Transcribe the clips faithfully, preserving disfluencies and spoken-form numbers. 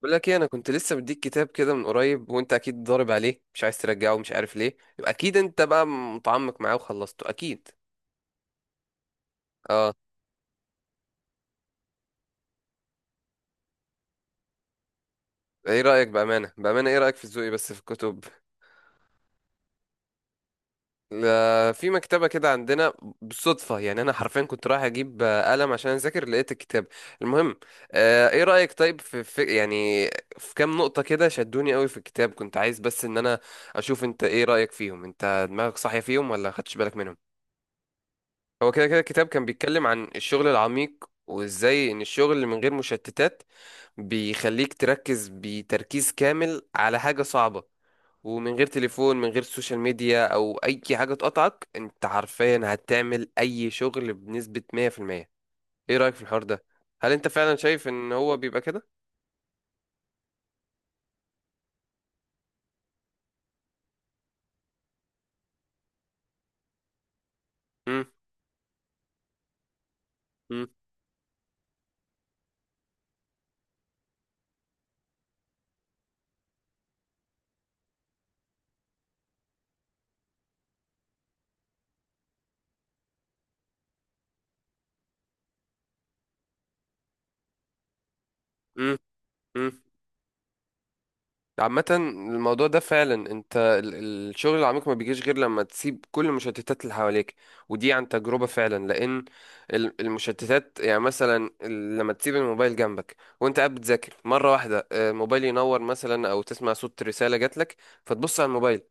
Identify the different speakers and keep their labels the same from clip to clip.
Speaker 1: بقول لك ايه، انا كنت لسه مديك كتاب كده من قريب وانت اكيد ضارب عليه مش عايز ترجعه ومش عارف ليه، يبقى اكيد انت بقى متعمق معاه وخلصته اكيد. اه. ايه رايك؟ بامانه بامانه ايه رايك في ذوقي بس في الكتب؟ لا، في مكتبه كده عندنا. بالصدفه يعني، انا حرفيا كنت رايح اجيب آه، قلم عشان اذاكر، لقيت الكتاب. المهم، آه، ايه رايك طيب في, في يعني في كام نقطه كده شدوني قوي في الكتاب، كنت عايز بس ان انا اشوف انت ايه رايك فيهم، انت دماغك صاحيه فيهم ولا خدتش بالك منهم؟ هو كده كده كتاب كان بيتكلم عن الشغل العميق وازاي ان الشغل من غير مشتتات بيخليك تركز بتركيز كامل على حاجة صعبة، ومن غير تليفون من غير سوشيال ميديا او اي حاجة تقطعك، انت حرفيا هتعمل اي شغل بنسبة مية في المية. ايه رأيك في الحوار ده؟ هل انت فعلا شايف ان هو بيبقى كده؟ امم. عامة الموضوع ده فعلا، انت ال- ال- الشغل العميق ما بيجيش غير لما تسيب كل المشتتات اللي حواليك، ودي عن تجربة فعلا. لان ال- المشتتات يعني مثلا، ال- لما تسيب الموبايل جنبك وانت قاعد بتذاكر، مرة واحدة آه، الموبايل ينور مثلا، او تسمع صوت رسالة جاتلك فتبص على الموبايل،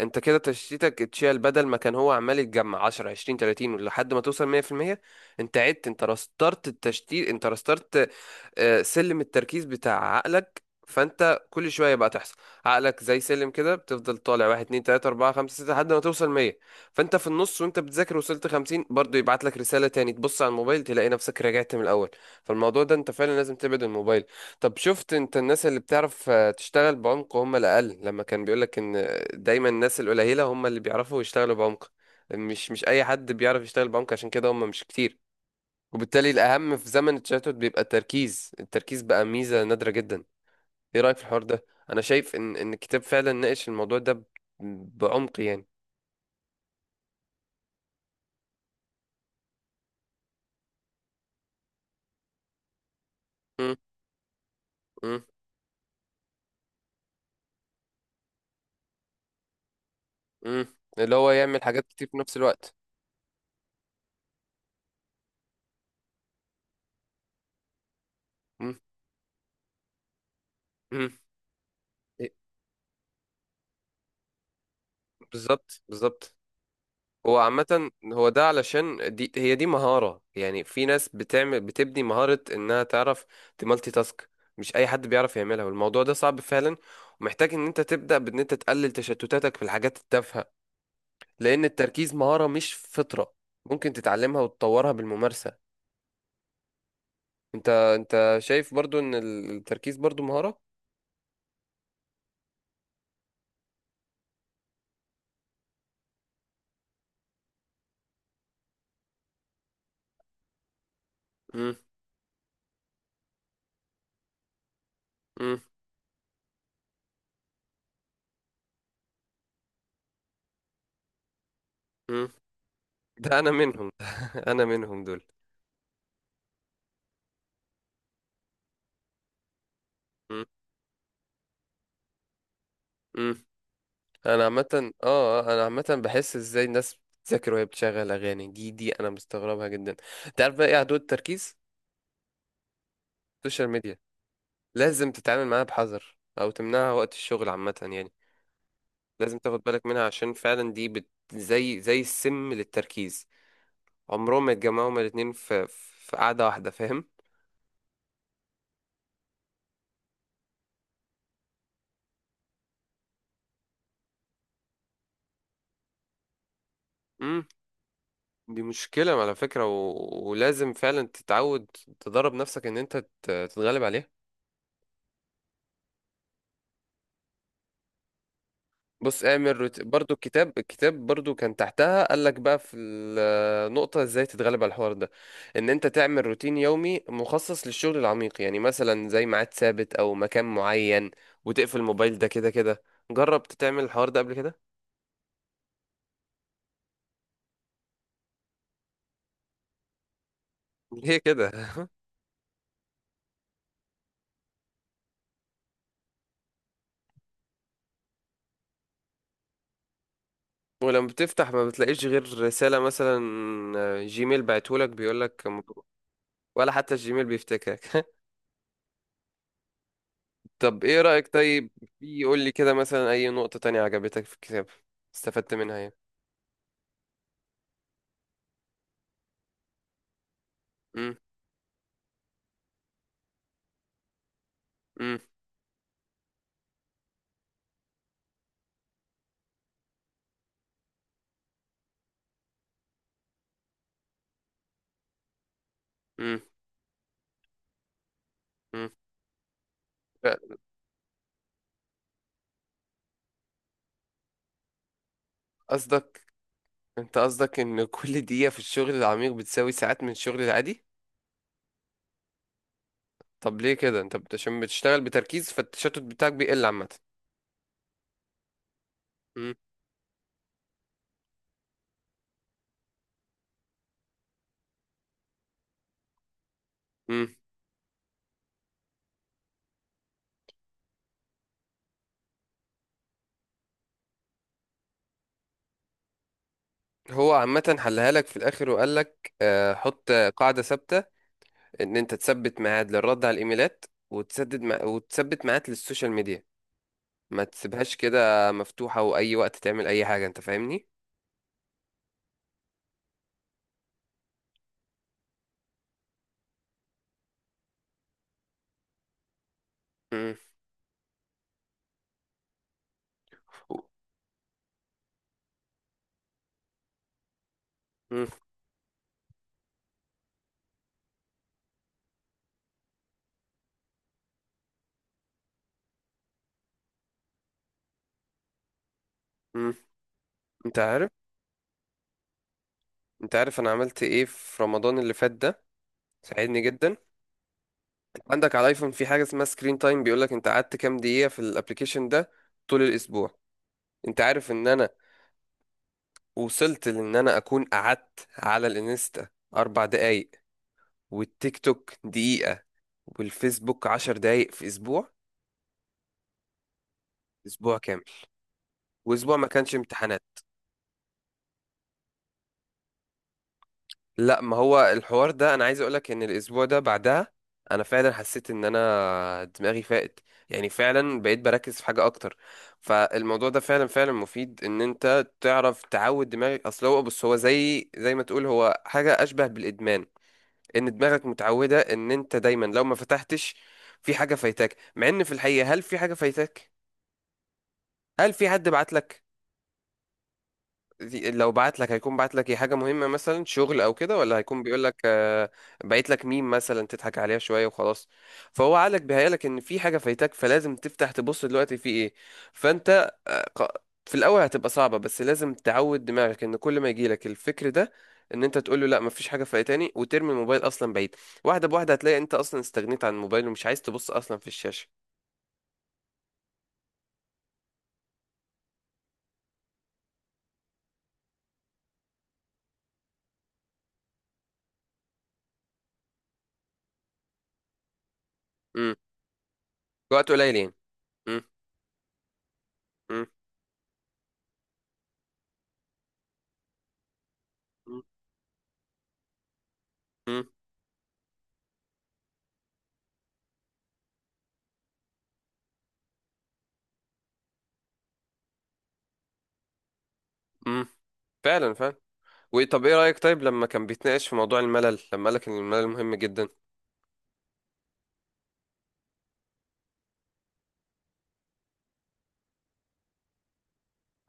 Speaker 1: انت كده تشتيتك اتشال، بدل ما كان هو عمال يتجمع عشرة عشرين تلاتين لحد ما توصل مية في المية، انت عدت، انت رسترت التشتيت، انت رسترت آه، سلم التركيز بتاع عقلك، فانت كل شويه بقى تحصل. عقلك زي سلم كده، بتفضل طالع واحد اتنين ثلاثة اربعة خمسة ستة لحد ما توصل مية، فانت في النص وانت بتذاكر وصلت خمسين، برضه يبعت لك رساله تاني، تبص على الموبايل تلاقي نفسك رجعت من الاول. فالموضوع ده انت فعلا لازم تبعد الموبايل. طب شفت انت الناس اللي بتعرف آه، تشتغل بعمق هم الأقل، لما كان بيقولك ان آه، دايما الناس القليلة هم اللي بيعرفوا يشتغلوا بعمق، مش مش أي حد بيعرف يشتغل بعمق، عشان كده هم مش كتير. وبالتالي الأهم في زمن التشتت بيبقى التركيز، التركيز بقى ميزة نادرة جدا. ايه رأيك في الحوار ده؟ أنا شايف ان ان الكتاب فعلا ناقش الموضوع ده ب- بعمق يعني. م- م- م. اللي هو يعمل حاجات كتير في نفس الوقت. م- م. إيه، بالظبط بالظبط هو عامة هو ده، علشان دي، هي دي مهارة يعني، في ناس بتعمل، بتبني مهارة انها تعرف تمالتي تاسك، مش اي حد بيعرف يعملها، والموضوع ده صعب فعلا، ومحتاج ان انت تبدأ بان انت تقلل تشتتاتك في الحاجات التافهة، لان التركيز مهارة مش فطرة، ممكن تتعلمها وتطورها بالممارسة. انت انت شايف برضو ان ال- التركيز برضو مهارة؟ مم، مم، مم. ده انا منهم انا منهم دول. مم، انا عامه اه، انا عامه بحس ازاي الناس بتذاكر وهي بتشغل اغاني، دي دي انا مستغربها جدا. انت عارف بقى ايه عدو التركيز؟ السوشيال ميديا. لازم تتعامل معاها بحذر او تمنعها وقت الشغل عامه يعني. لازم تاخد بالك منها، عشان فعلا دي بت... زي زي السم للتركيز، عمرهم ما يتجمعوا هما الاتنين في في قعده واحده، فاهم؟ امم. دي مشكله على فكره، و... ولازم فعلا تتعود، تدرب نفسك ان انت تت- تتغلب عليها. بص اعمل روت... برضو الكتاب، الكتاب برضو كان تحتها قال لك بقى في النقطة ازاي تتغلب على الحوار ده، ان انت تعمل روتين يومي مخصص للشغل العميق، يعني مثلا زي ميعاد ثابت او مكان معين، وتقفل الموبايل، ده كده كده. جربت تعمل الحوار ده قبل كده؟ ليه كده؟ ولما بتفتح ما بتلاقيش غير رسالة مثلا، جيميل بعتهولك بيقولك مبروك، ولا حتى الجيميل بيفتكرك. طب ايه رأيك طيب، في- يقول لي كده مثلا اي نقطة تانية عجبتك في الكتاب، استفدت منها. يعني. امم. امم. امم. فعلا. قصدك، انت قصدك ان كل دقيقة في الشغل العميق بتساوي ساعات من الشغل العادي؟ طب ليه كده؟ انت بت- عشان بتشتغل بتركيز، فالتشتت بتاعك بيقل عامة. امم. امم. هو عامة حلها لك في الاخر، وقال لك آه حط قاعدة ثابتة، ان انت تثبت ميعاد للرد على الايميلات، وتسدد مع... وتثبت ميعاد للسوشيال ميديا، ما تسيبهاش كده مفتوحة واي وقت تعمل اي حاجة، انت فاهمني؟ امم. امم. امم. انت عارف انت عارف انا عملت ايه في رمضان اللي فات ده؟ ساعدني جدا. انت عندك على الايفون في حاجه اسمها سكرين تايم، بيقول لك انت قعدت كام دقيقه في الابليكيشن ده طول الاسبوع. انت عارف ان انا وصلت لان انا اكون قعدت على الانستا اربع دقايق، والتيك توك دقيقه، والفيسبوك عشر دقايق في اسبوع؟ اسبوع كامل. واسبوع ما كانش امتحانات، لا، ما هو الحوار ده انا عايز اقولك ان الاسبوع ده بعدها انا فعلا حسيت ان انا دماغي فاقت، يعني فعلا بقيت بركز في حاجه اكتر. فالموضوع ده فعلا فعلا مفيد، ان انت تعرف تعود دماغك، اصل هو بص، هو زي زي ما تقول، هو حاجه اشبه بالادمان، ان دماغك متعوده ان انت دايما لو ما فتحتش في حاجه فايتاك، مع ان في الحقيقه، هل في حاجه فايتاك؟ هل في حد بعت لك؟ دي لو بعت لك، هيكون بعت لك ايه؟ حاجة مهمة مثلا، شغل او كده؟ ولا هيكون بيقول لك آه، بعت لك ميم مثلا تضحك عليها شوية وخلاص؟ فهو عقلك بيهيألك ان في حاجة فايتاك، فلازم تفتح تبص دلوقتي في ايه. فانت ق- في الاول هتبقى صعبة، بس لازم تعود دماغك ان كل ما يجيلك الفكر ده، ان انت تقول له لا، مفيش حاجة فايتاني، وترمي الموبايل اصلا بعيد. واحدة بواحدة هتلاقي انت اصلا استغنيت عن الموبايل ومش عايز تبص اصلا في الشاشة. امم. وقت قليل يعني. امم. امم. امم. إمم. فعلا فعلا. وطب ايه رأيك طيب لما كان بيتناقش في موضوع الملل، لما قالك ان الملل مهم جدا؟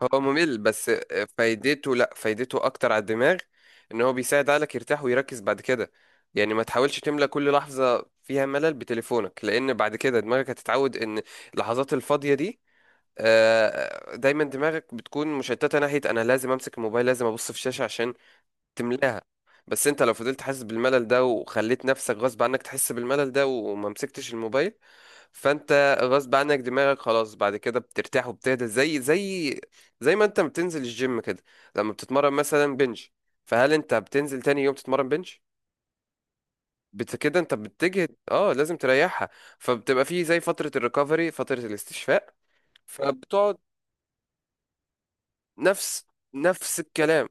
Speaker 1: هو ممل بس، فايدته، لا فايدته اكتر على الدماغ، ان هو بيساعد عقلك يرتاح ويركز بعد كده. يعني ما تحاولش تملى كل لحظة فيها ملل بتليفونك، لان بعد كده دماغك هتتعود ان اللحظات الفاضية دي آه، دايما دماغك بتكون مشتتة ناحية انا لازم امسك الموبايل، لازم ابص في الشاشة عشان تملاها. بس انت لو فضلت حاسس بالملل ده، وخليت نفسك غصب عنك تحس بالملل ده وما مسكتش الموبايل، فانت غصب عنك دماغك خلاص بعد كده بترتاح وبتهدى، زي زي زي ما انت بتنزل الجيم كده، لما بتتمرن مثلا بنج، فهل انت بتنزل تاني يوم تتمرن بنج؟ بت كده، انت بتجهد، اه لازم تريحها. فبتبقى فيه زي فترة الريكفري، فترة الاستشفاء، فبتقعد. نفس نفس الكلام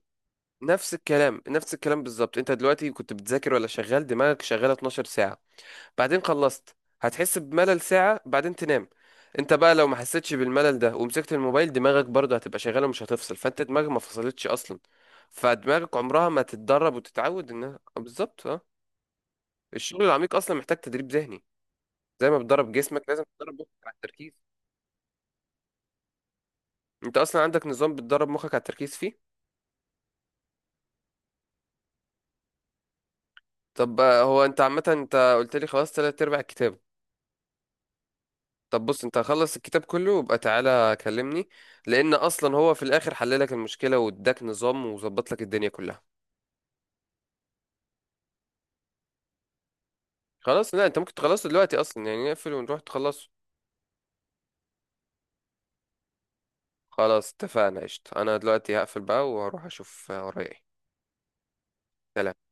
Speaker 1: نفس الكلام نفس الكلام بالظبط، انت دلوقتي كنت بتذاكر ولا شغال، دماغك شغالة اثنتا عشرة ساعة بعدين خلصت، هتحس بملل ساعة بعدين تنام. انت بقى لو ما حسيتش بالملل ده ومسكت الموبايل، دماغك برضه هتبقى شغالة ومش هتفصل، فانت دماغك ما فصلتش اصلا. فدماغك عمرها ما تتدرب وتتعود انها آه، بالظبط اه. الشغل العميق اصلا محتاج تدريب ذهني، زي ما بتدرب جسمك لازم تدرب مخك على التركيز. انت اصلا عندك نظام بتدرب مخك على التركيز فيه؟ طب آه، هو انت عامة انت قلت لي خلاص تلات ارباع الكتاب. طب بص، انت خلص الكتاب كله وابقى تعالى كلمني، لان اصلا هو في الاخر حل لك المشكله، واداك نظام، وظبط لك الدنيا كلها. خلاص، لا انت ممكن تخلصه دلوقتي اصلا يعني، نقفل ونروح تخلصه. خلاص اتفقنا، قشطة. انا دلوقتي هقفل بقى وهروح اشوف ورايا ايه. سلام.